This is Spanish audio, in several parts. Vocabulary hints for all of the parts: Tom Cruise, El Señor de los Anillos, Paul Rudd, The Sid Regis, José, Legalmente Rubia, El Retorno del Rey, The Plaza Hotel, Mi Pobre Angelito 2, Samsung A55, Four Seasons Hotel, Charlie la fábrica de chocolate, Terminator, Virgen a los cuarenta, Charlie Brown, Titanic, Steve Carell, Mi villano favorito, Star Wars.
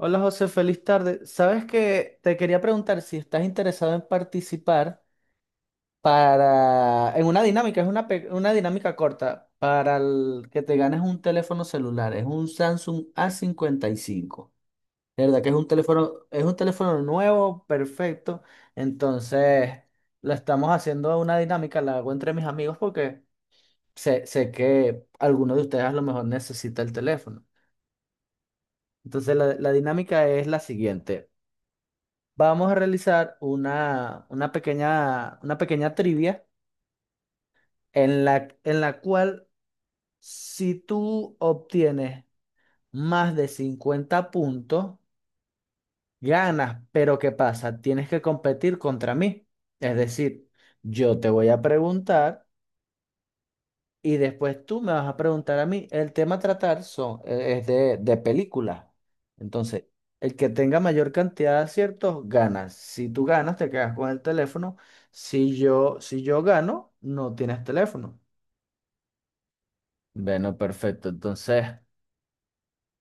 Hola José, feliz tarde. Sabes que te quería preguntar si estás interesado en participar para en una dinámica, es una, una dinámica corta para que te ganes un teléfono celular, es un Samsung A55. Cincuenta y cinco. De verdad que es un teléfono nuevo, perfecto. Entonces, lo estamos haciendo una dinámica, la hago entre mis amigos porque sé que alguno de ustedes a lo mejor necesita el teléfono. Entonces, la dinámica es la siguiente. Vamos a realizar una pequeña trivia en la cual si tú obtienes más de 50 puntos, ganas. Pero ¿qué pasa? Tienes que competir contra mí. Es decir, yo te voy a preguntar. Y después tú me vas a preguntar a mí. El tema a tratar son, es de películas. Entonces, el que tenga mayor cantidad de aciertos, gana. Si tú ganas, te quedas con el teléfono. Si yo gano, no tienes teléfono. Bueno, perfecto. Entonces,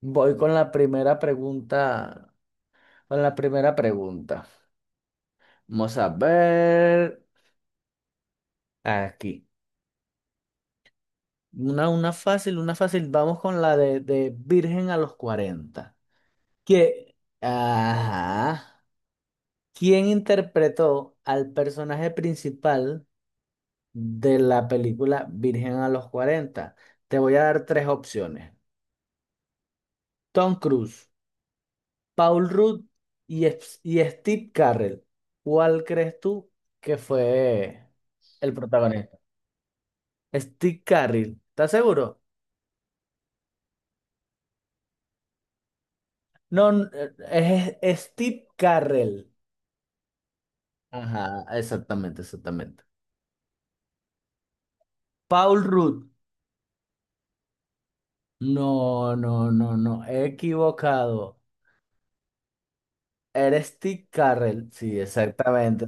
voy con la primera pregunta. Con la primera pregunta. Vamos a ver aquí. Una fácil, una fácil. Vamos con la de Virgen a los cuarenta, que, ajá, ¿quién interpretó al personaje principal de la película Virgen a los cuarenta? Te voy a dar tres opciones. Tom Cruise, Paul Rudd y, y Steve Carell. ¿Cuál crees tú que fue el protagonista? Steve Carell, ¿estás seguro? No, es Steve Carell. Ajá, exactamente, exactamente. Paul Rudd. No, no, no, no, he equivocado. Eres Steve Carrell. Sí, exactamente.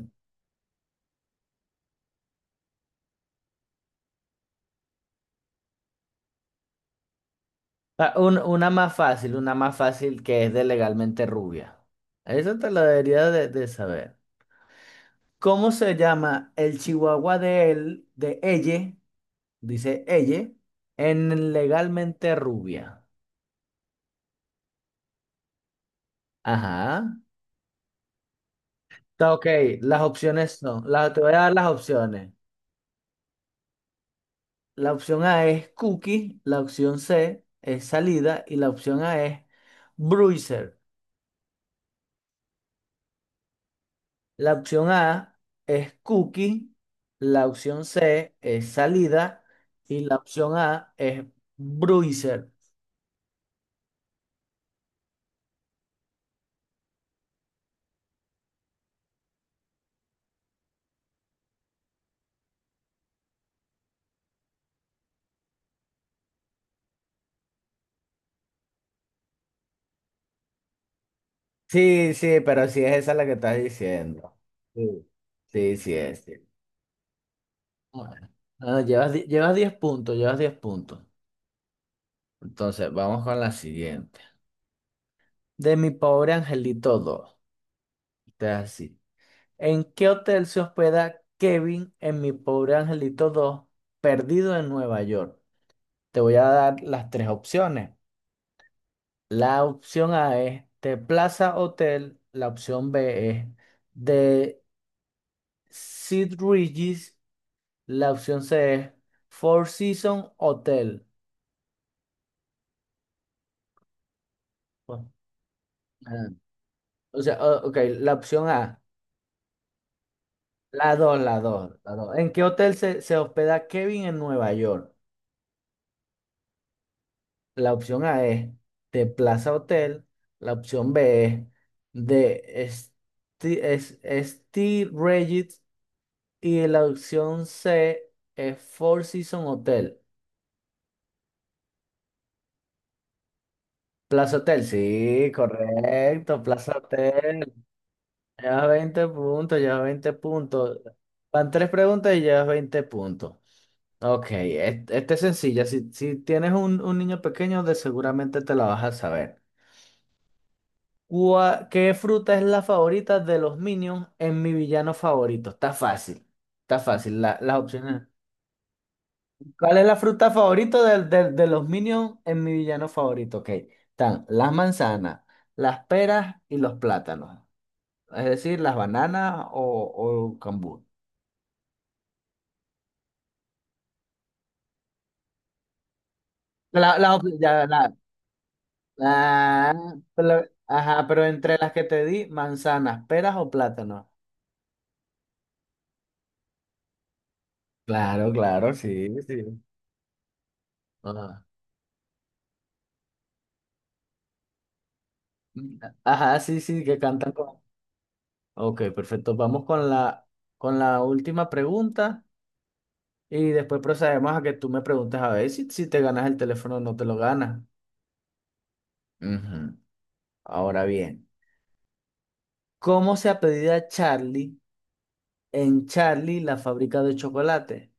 Ah, una más fácil que es de Legalmente Rubia. Eso te lo debería de saber. ¿Cómo se llama el chihuahua de él, de ella, dice ella, en Legalmente Rubia? Ajá. Está ok, las opciones son, las, te voy a dar las opciones. La opción A es cookie, la opción C es salida y la opción A es bruiser. La opción A es cookie, la opción C es salida y la opción A es bruiser. Sí, sí, pero sí es esa la que estás diciendo. Sí. Sí, sí es. Sí. Bueno, ah, llevas, llevas 10 puntos, llevas 10 puntos. Entonces, vamos con la siguiente. De mi pobre angelito 2. Este es así. ¿En qué hotel se hospeda Kevin en Mi Pobre Angelito dos, perdido en Nueva York? Te voy a dar las tres opciones. La opción A es The Plaza Hotel, la opción B es The Sid Regis, la opción C es Four Seasons Hotel. Bueno, ah, o sea, ok, la opción A, la 2, la dos, la 2. ¿En qué hotel se hospeda Kevin en Nueva York? La opción A es de Plaza Hotel. La opción B es de Esti Regis. Y la opción C es Four Seasons Hotel. Plaza Hotel, sí, correcto. Plaza Hotel. Llevas 20 puntos, llevas 20 puntos. Van tres preguntas y llevas veinte puntos. Ok, e, este, es sencilla. Si, si tienes un niño pequeño, de seguramente te la vas a saber. ¿Qué fruta es la favorita de los Minions en mi villano favorito? Está fácil. Está fácil. Las opciones. ¿Cuál es la fruta favorita de los Minions en mi villano favorito? Ok. Están las manzanas, las peras y los plátanos. Es decir, las bananas o cambur. La, la- ajá, pero entre las que te di, manzanas, peras o plátanos. Claro, claro, sí, sí. Ajá, ajá, sí, sí, que cantan con... Ok, perfecto. Vamos con la última pregunta y después procedemos a que tú me preguntes a ver si, si te ganas el teléfono o no te lo ganas. Ujú. Ahora bien, ¿cómo se apellida Charlie en Charlie la fábrica de chocolate?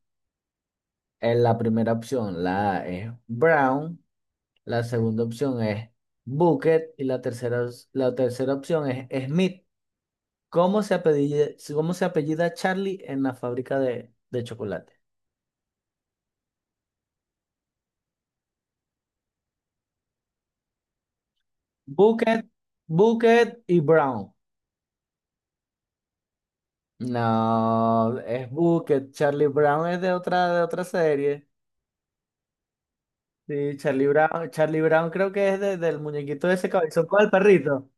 En la primera opción, la A es Brown, la segunda opción es Bucket y la tercera, la tercera opción es Smith. ¿Cómo se apellida, cómo se apellida Charlie en la fábrica de chocolate? Bucket, Bucket y Brown. No, es Bucket. Charlie Brown es de otra serie. Sí, Charlie Brown, Charlie Brown creo que es del muñequito de ese cabezón con el perrito.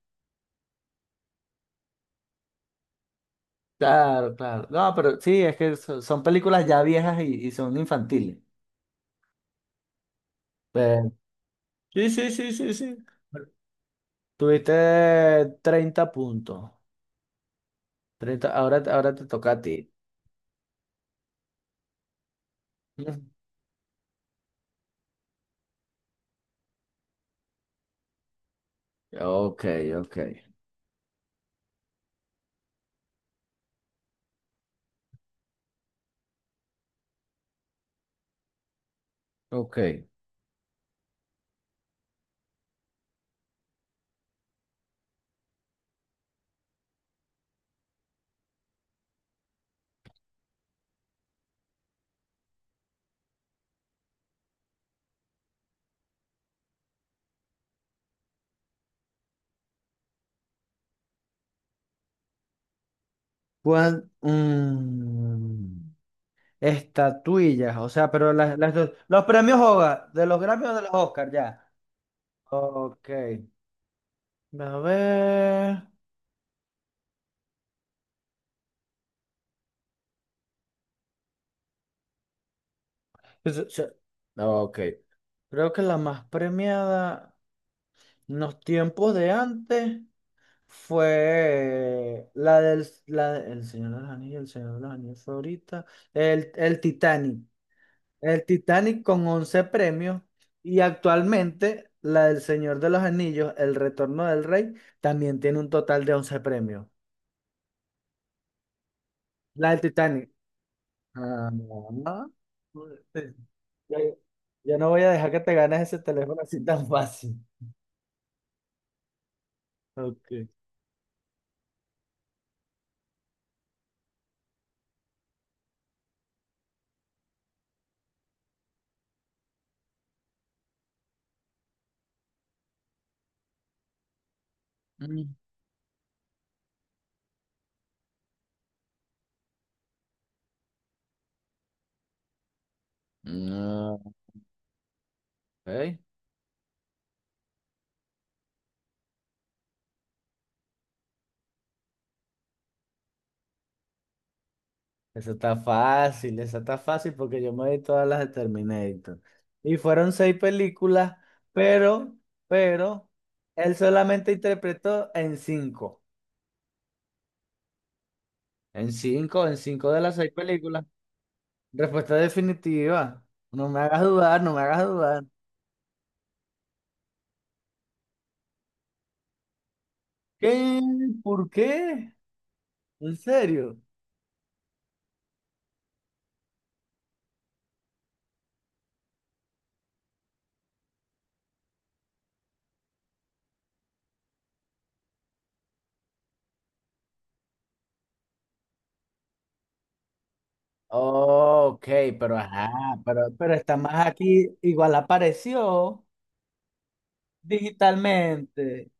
Claro, claro. No, pero sí, es que son películas ya viejas y son infantiles. Pero- sí, sí, sí, sí, sí. Tuviste treinta puntos. 30. Ahora, ahora te toca a ti. Ujú. Ok, ok, ok. ¿Cuál? Mm, estatuillas, o sea, pero las, los premios Hogar, de los Grammys o de los Oscars, ya. Ok. A ver. Es- es- Ok. Creo que la más premiada en los tiempos de antes fue la del El Señor de los Anillos, el Señor de los Anillos fue ahorita. El Titanic. El Titanic con 11 premios. Y actualmente la del Señor de los Anillos, El Retorno del Rey, también tiene un total de 11 premios. La del Titanic. Ah, no. Ya, ya no voy a dejar que te ganes ese teléfono así tan fácil. Ok. Mm. No, ok. Eso está fácil porque yo me vi todas las de Terminator. Y fueron seis películas, pero, pero, él solamente interpretó en cinco. En cinco, en cinco de las seis películas. Respuesta definitiva. No me hagas dudar, no me hagas dudar. ¿Qué? ¿Por qué? ¿En serio? Ok, pero ajá, pero está más aquí, igual apareció digitalmente.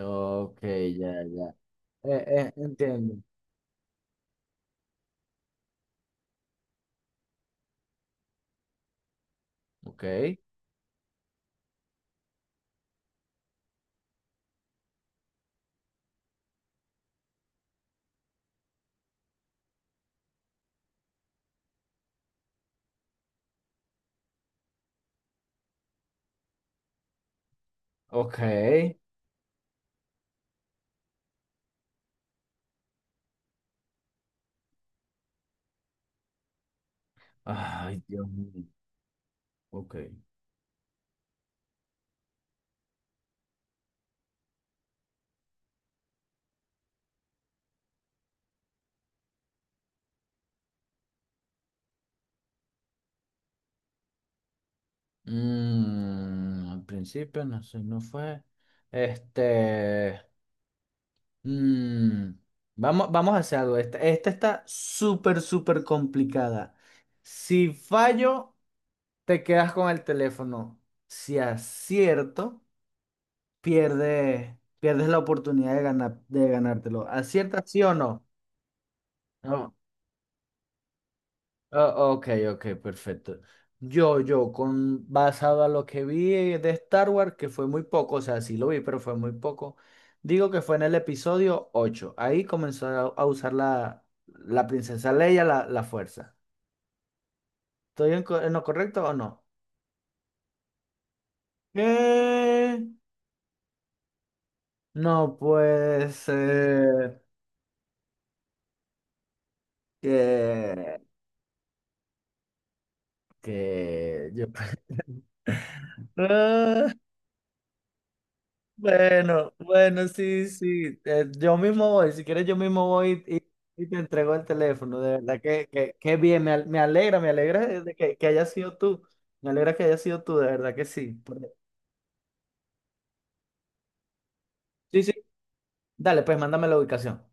Ok, ya, ya. Entiendo. Ok, ok. Ay, Dios mío. Ok. Mm, al principio no sé, no fue. Este. mm, vamos, vamos a hacer algo. Esta está súper, súper complicada. Si fallo. Te quedas con el teléfono. Si acierto, pierde, pierdes la oportunidad de ganar, de ganártelo. ¿Aciertas sí o no? No. Oh, ok, ok, perfecto. Yo, con, basado a lo que vi de Star Wars, que fue muy poco, o sea, sí lo vi, pero fue muy poco, digo que fue en el episodio ocho. Ahí comenzó a usar la, la princesa Leia la, la fuerza. ¿Estoy en, en lo correcto o no? ¿Qué? No pues... Que, que yo. Ah, bueno, bueno, sí, sí. Yo mismo voy, si quieres, yo mismo voy y te entrego el teléfono. De verdad que bien, me, me alegra de que haya sido tú. Me alegra que haya sido tú, de verdad que sí. Por- Sí, sí. Dale, pues mándame la ubicación.